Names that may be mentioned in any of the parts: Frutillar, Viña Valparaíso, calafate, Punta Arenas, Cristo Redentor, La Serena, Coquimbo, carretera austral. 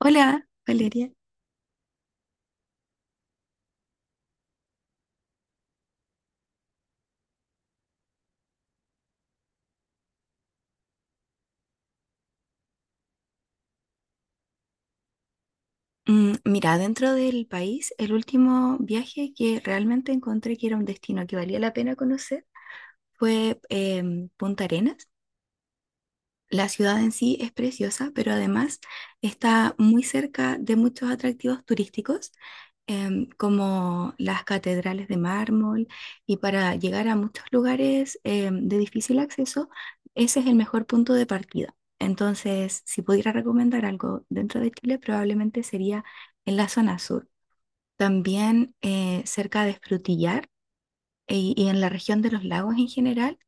Hola, Valeria. Mira, dentro del país, el último viaje que realmente encontré que era un destino que valía la pena conocer fue Punta Arenas. La ciudad en sí es preciosa, pero además está muy cerca de muchos atractivos turísticos. Como las catedrales de mármol, y para llegar a muchos lugares de difícil acceso, ese es el mejor punto de partida. Entonces, si pudiera recomendar algo dentro de Chile, probablemente sería en la zona sur, también cerca de Frutillar y en la región de los lagos en general.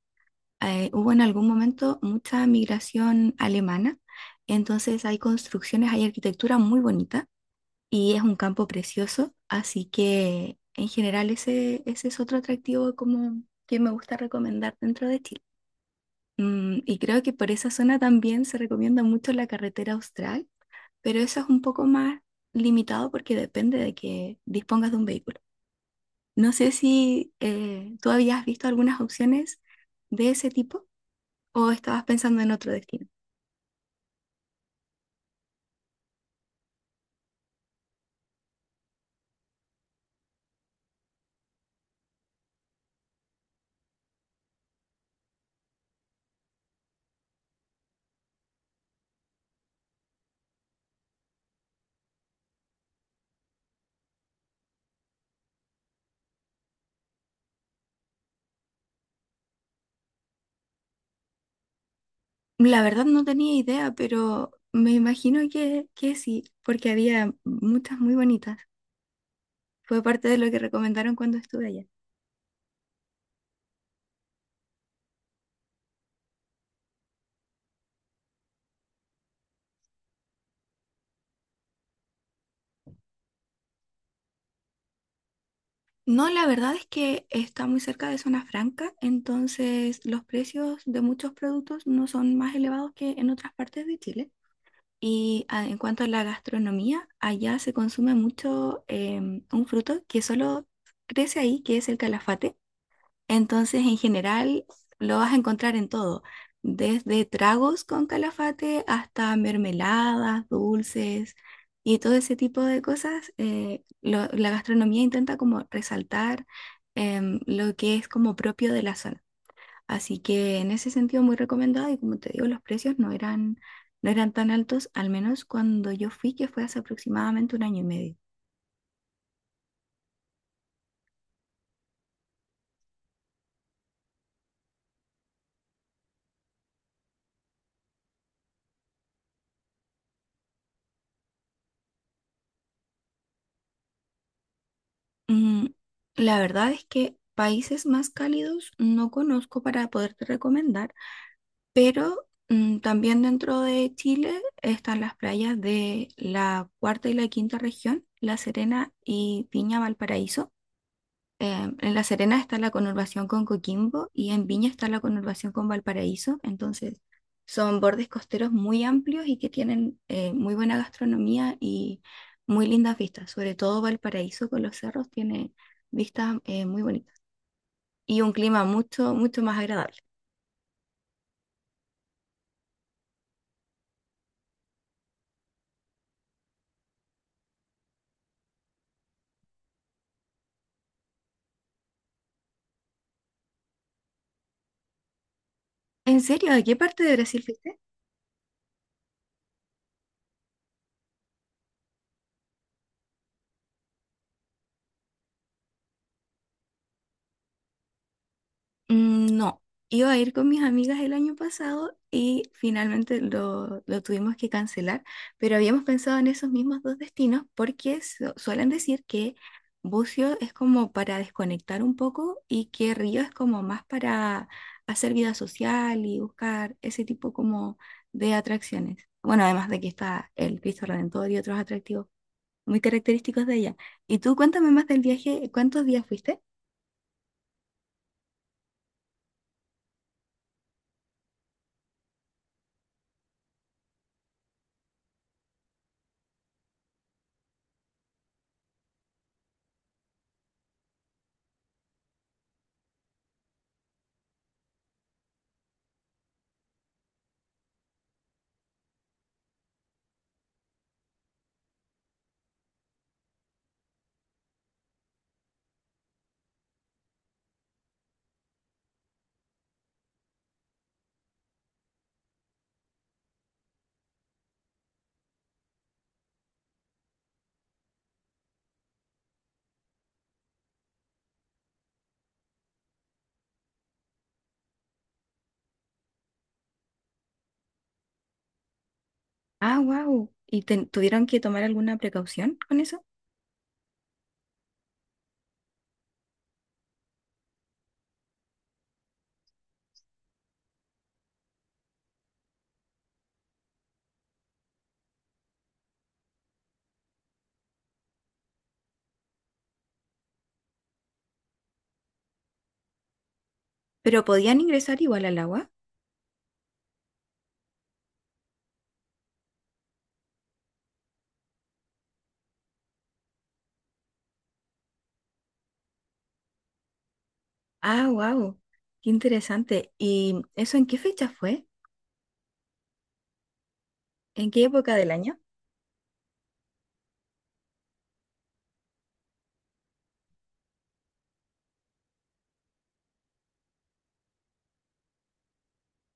Hubo en algún momento mucha migración alemana, entonces hay construcciones, hay arquitectura muy bonita y es un campo precioso, así que en general ese es otro atractivo como que me gusta recomendar dentro de Chile. Y creo que por esa zona también se recomienda mucho la carretera austral, pero eso es un poco más limitado porque depende de que dispongas de un vehículo. No sé si tú habías visto algunas opciones de ese tipo o estabas pensando en otro destino. La verdad no tenía idea, pero me imagino que sí, porque había muchas muy bonitas. Fue parte de lo que recomendaron cuando estuve allá. No, la verdad es que está muy cerca de zona franca, entonces los precios de muchos productos no son más elevados que en otras partes de Chile. Y en cuanto a la gastronomía, allá se consume mucho un fruto que solo crece ahí, que es el calafate. Entonces, en general, lo vas a encontrar en todo, desde tragos con calafate hasta mermeladas, dulces y todo ese tipo de cosas. La gastronomía intenta como resaltar lo que es como propio de la zona. Así que en ese sentido muy recomendado y como te digo, los precios no eran tan altos, al menos cuando yo fui, que fue hace aproximadamente un año y medio. Mm, la verdad es que países más cálidos no conozco para poderte recomendar, pero también dentro de Chile están las playas de la cuarta y la quinta región, La Serena y Viña Valparaíso. En La Serena está la conurbación con Coquimbo y en Viña está la conurbación con Valparaíso. Entonces, son bordes costeros muy amplios y que tienen muy buena gastronomía y muy lindas vistas. Sobre todo Valparaíso con los cerros tiene vistas muy bonitas y un clima mucho, mucho más agradable. ¿En serio? ¿A qué parte de Brasil fuiste? Mm, no, iba a ir con mis amigas el año pasado y finalmente lo tuvimos que cancelar, pero habíamos pensado en esos mismos dos destinos porque suelen decir que Bucio es como para desconectar un poco y que Río es como más para hacer vida social y buscar ese tipo como de atracciones. Bueno, además de que está el Cristo Redentor y otros atractivos muy característicos de ella. Y tú cuéntame más del viaje, ¿cuántos días fuiste? Ah, wow. ¿Y tuvieron que tomar alguna precaución con eso? ¿Pero podían ingresar igual al agua? Ah, wow. Qué interesante. ¿Y eso en qué fecha fue? ¿En qué época del año?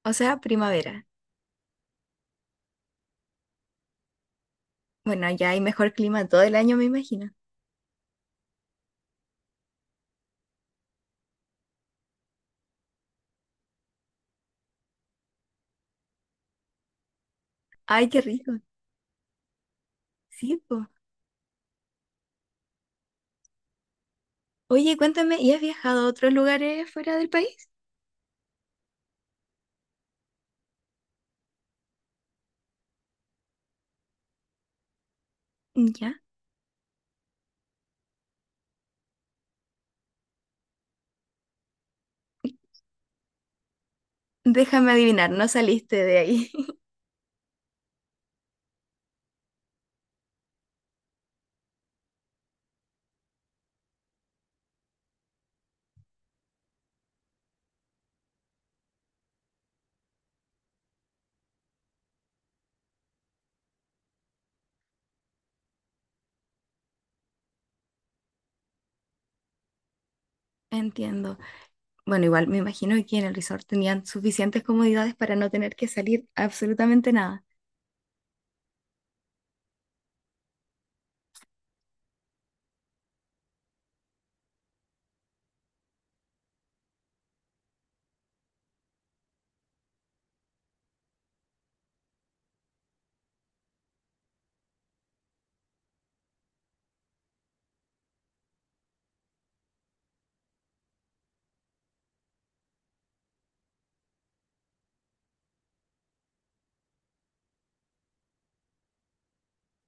O sea, primavera. Bueno, ya hay mejor clima todo el año, me imagino. Ay, qué rico. Sí, po. Oye, cuéntame, ¿y has viajado a otros lugares fuera del país? Mm, ya. Déjame adivinar, no saliste de ahí. Entiendo. Bueno, igual me imagino que en el resort tenían suficientes comodidades para no tener que salir absolutamente nada.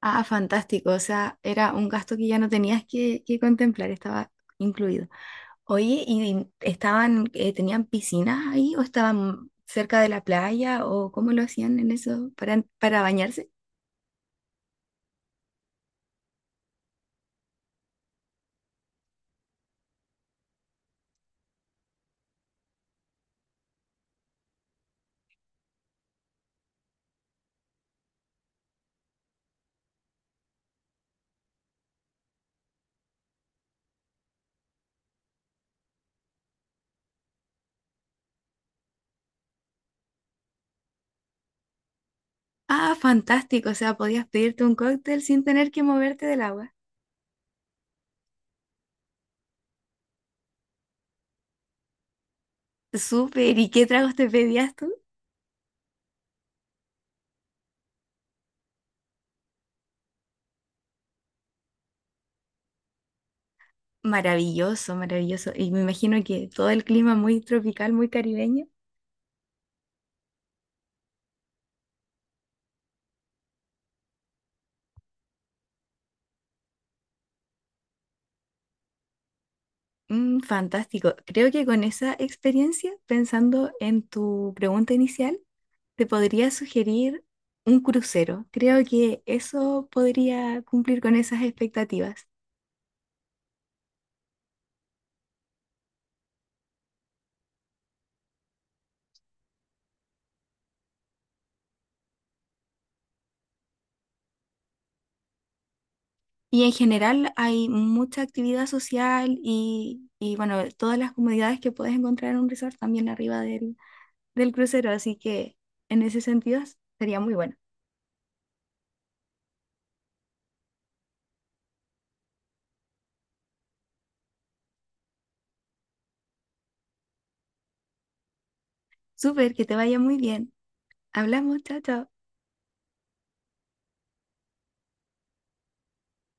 Ah, fantástico. O sea, era un gasto que ya no tenías que contemplar, estaba incluido. Oye, ¿y estaban, tenían piscinas ahí o estaban cerca de la playa o cómo lo hacían en eso para bañarse? Ah, fantástico. O sea, podías pedirte un cóctel sin tener que moverte del agua. Súper. ¿Y qué tragos te pedías tú? Maravilloso, maravilloso. Y me imagino que todo el clima muy tropical, muy caribeño. Mm, fantástico. Creo que con esa experiencia, pensando en tu pregunta inicial, te podría sugerir un crucero. Creo que eso podría cumplir con esas expectativas. Y en general hay mucha actividad social y bueno, todas las comodidades que puedes encontrar en un resort también arriba del crucero. Así que en ese sentido sería muy bueno. Súper, que te vaya muy bien. Hablamos, chao, chao.